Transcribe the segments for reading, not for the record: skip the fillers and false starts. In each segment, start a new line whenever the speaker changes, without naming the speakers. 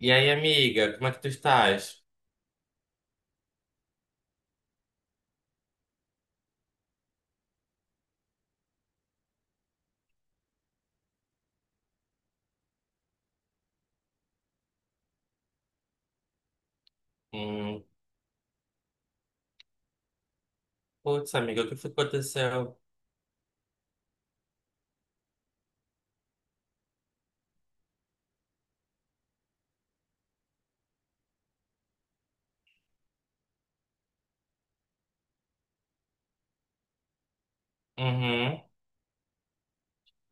E aí, amiga, como é que tu estás? Hum, Putz, amiga, o que foi que aconteceu? Uhum.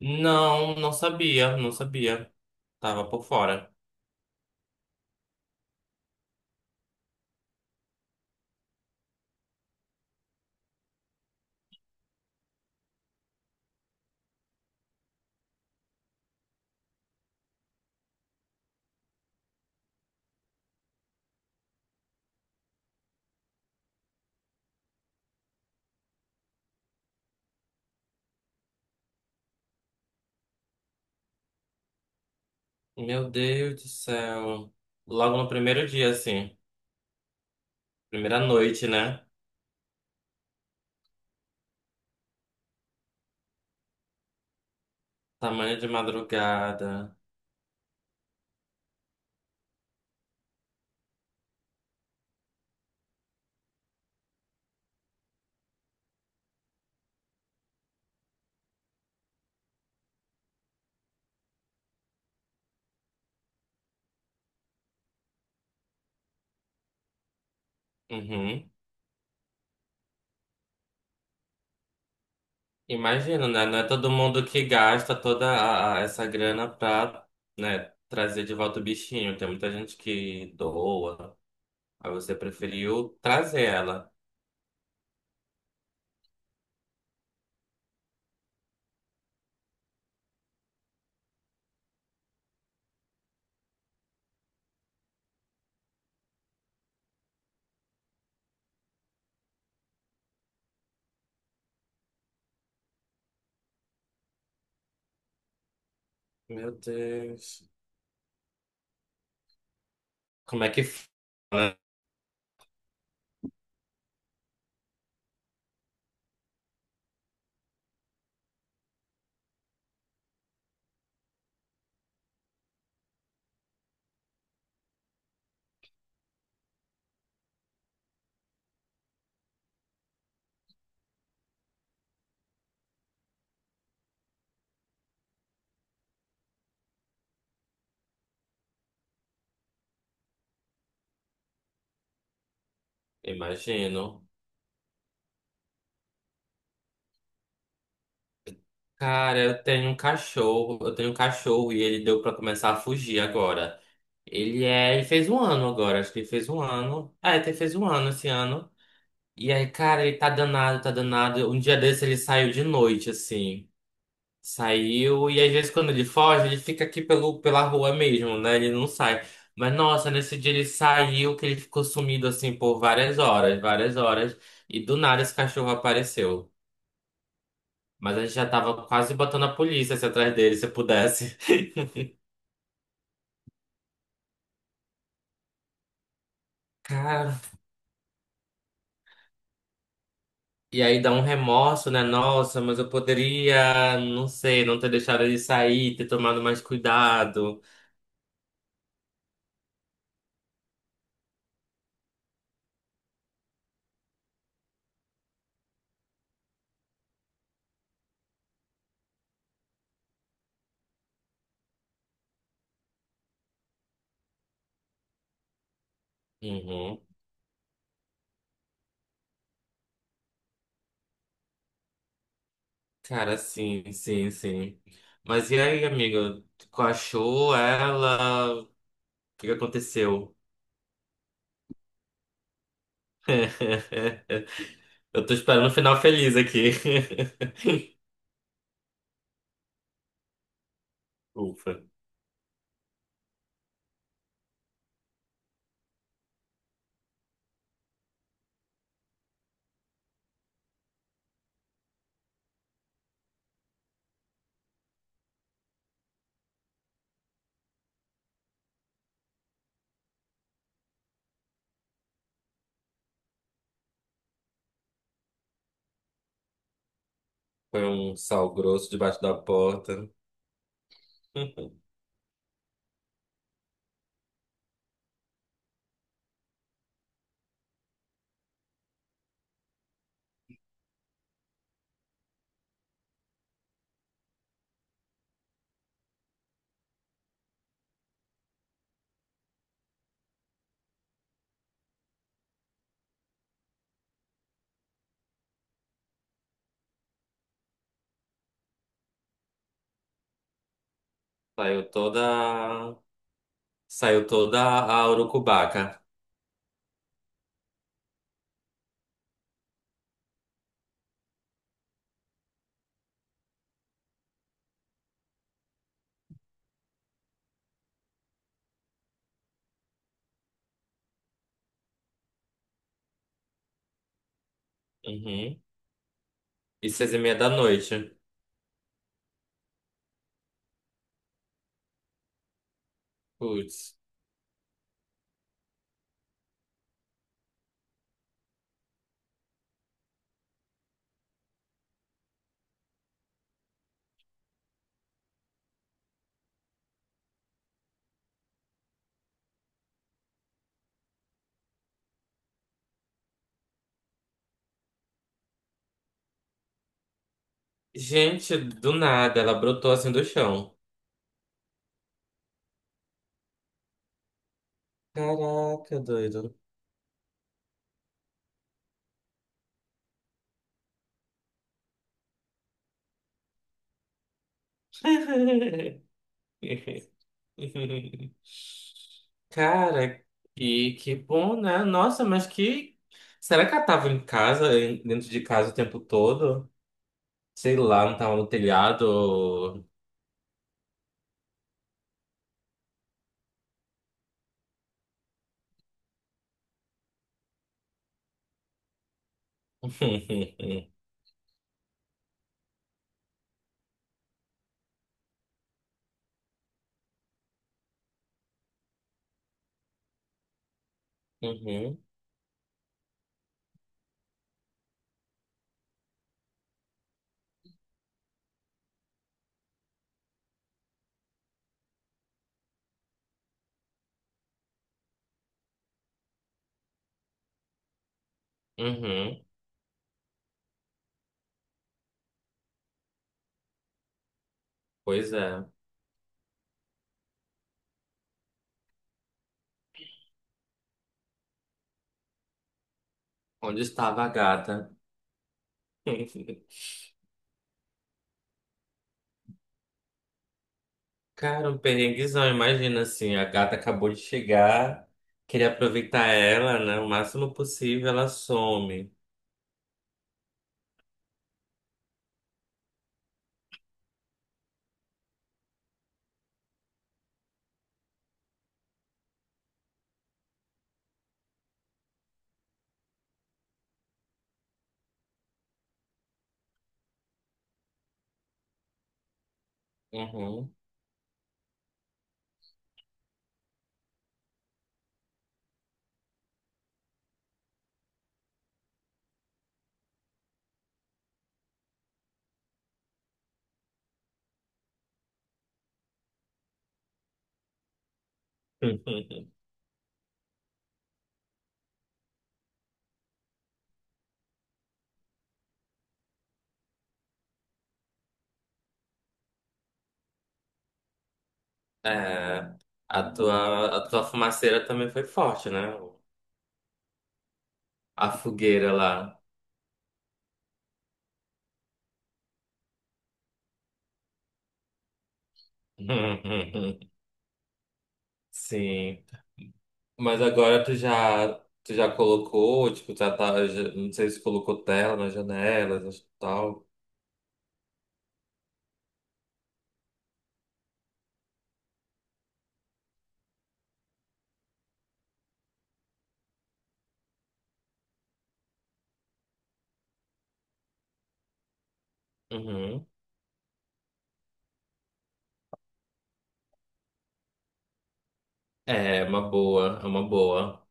Não, não sabia, não sabia. Tava por fora. Meu Deus do céu. Logo no primeiro dia, assim. Primeira noite, né? Tamanho de madrugada. Uhum. Imagino, né? Não é todo mundo que gasta essa grana pra, né, trazer de volta o bichinho. Tem muita gente que doa. Aí você preferiu trazer ela. Meu Deus. Como é que fala? Imagino. Cara, eu tenho um cachorro, eu tenho um cachorro e ele deu pra começar a fugir agora. Ele é, ele fez um ano agora, acho que ele fez um ano. É, até fez um ano esse ano. E aí, cara, ele tá danado, tá danado. Um dia desse ele saiu de noite, assim. Saiu, e às vezes quando ele foge, ele fica aqui pelo, pela rua mesmo, né? Ele não sai. Mas nossa, nesse dia ele saiu, que ele ficou sumido assim por várias horas, várias horas. E do nada esse cachorro apareceu. Mas a gente já tava quase botando a polícia assim, atrás dele, se pudesse. Cara, e aí dá um remorso, né? Nossa, mas eu poderia, não sei, não ter deixado ele sair, ter tomado mais cuidado. Uhum. Cara, sim, sim, sim. Mas e aí, amigo? Tu achou ela? O que que aconteceu? Eu tô esperando um final feliz aqui. Ufa. Foi um sal grosso debaixo da porta. Saiu toda Saiu toda a urucubaca. Uhum. E 6:30 da noite. Putz. Gente, do nada, ela brotou assim do chão. Caraca, doido. Cara, que bom, né? Nossa, mas que. Será que ela tava em casa, dentro de casa o tempo todo? Sei lá, não tava no telhado. Uhum, uhum. Pois é. Onde estava a gata? Cara, um perrenguezão, imagina assim, a gata acabou de chegar, queria aproveitar ela, né? O máximo possível, ela some. Uhum. É, a tua fumaceira também foi forte, né? A fogueira lá. Sim. Mas agora tu já colocou, tipo, não sei se colocou tela nas janelas, tal. Uhum. É, uma boa, é uma boa.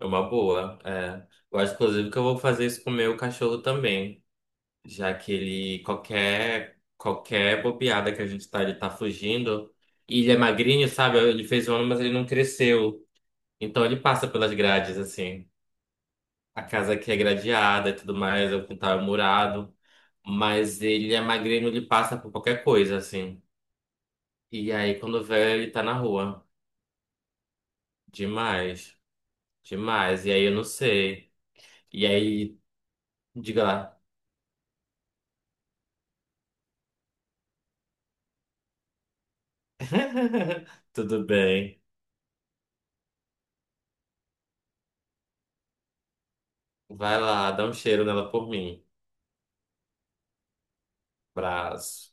É uma boa, é. Eu acho, inclusive, que eu vou fazer isso com o meu cachorro também, já que ele, qualquer bobeada que a gente tá, ele tá fugindo. E ele é magrinho, sabe? Ele fez um ano, mas ele não cresceu. Então ele passa pelas grades, assim. A casa aqui é gradeada e tudo mais, o quintal é murado. Mas ele é magrinho, ele passa por qualquer coisa, assim. E aí, quando vê, ele tá na rua. Demais, demais. E aí eu não sei. E aí, diga lá. Tudo bem. Vai lá, dá um cheiro nela por mim. Braço.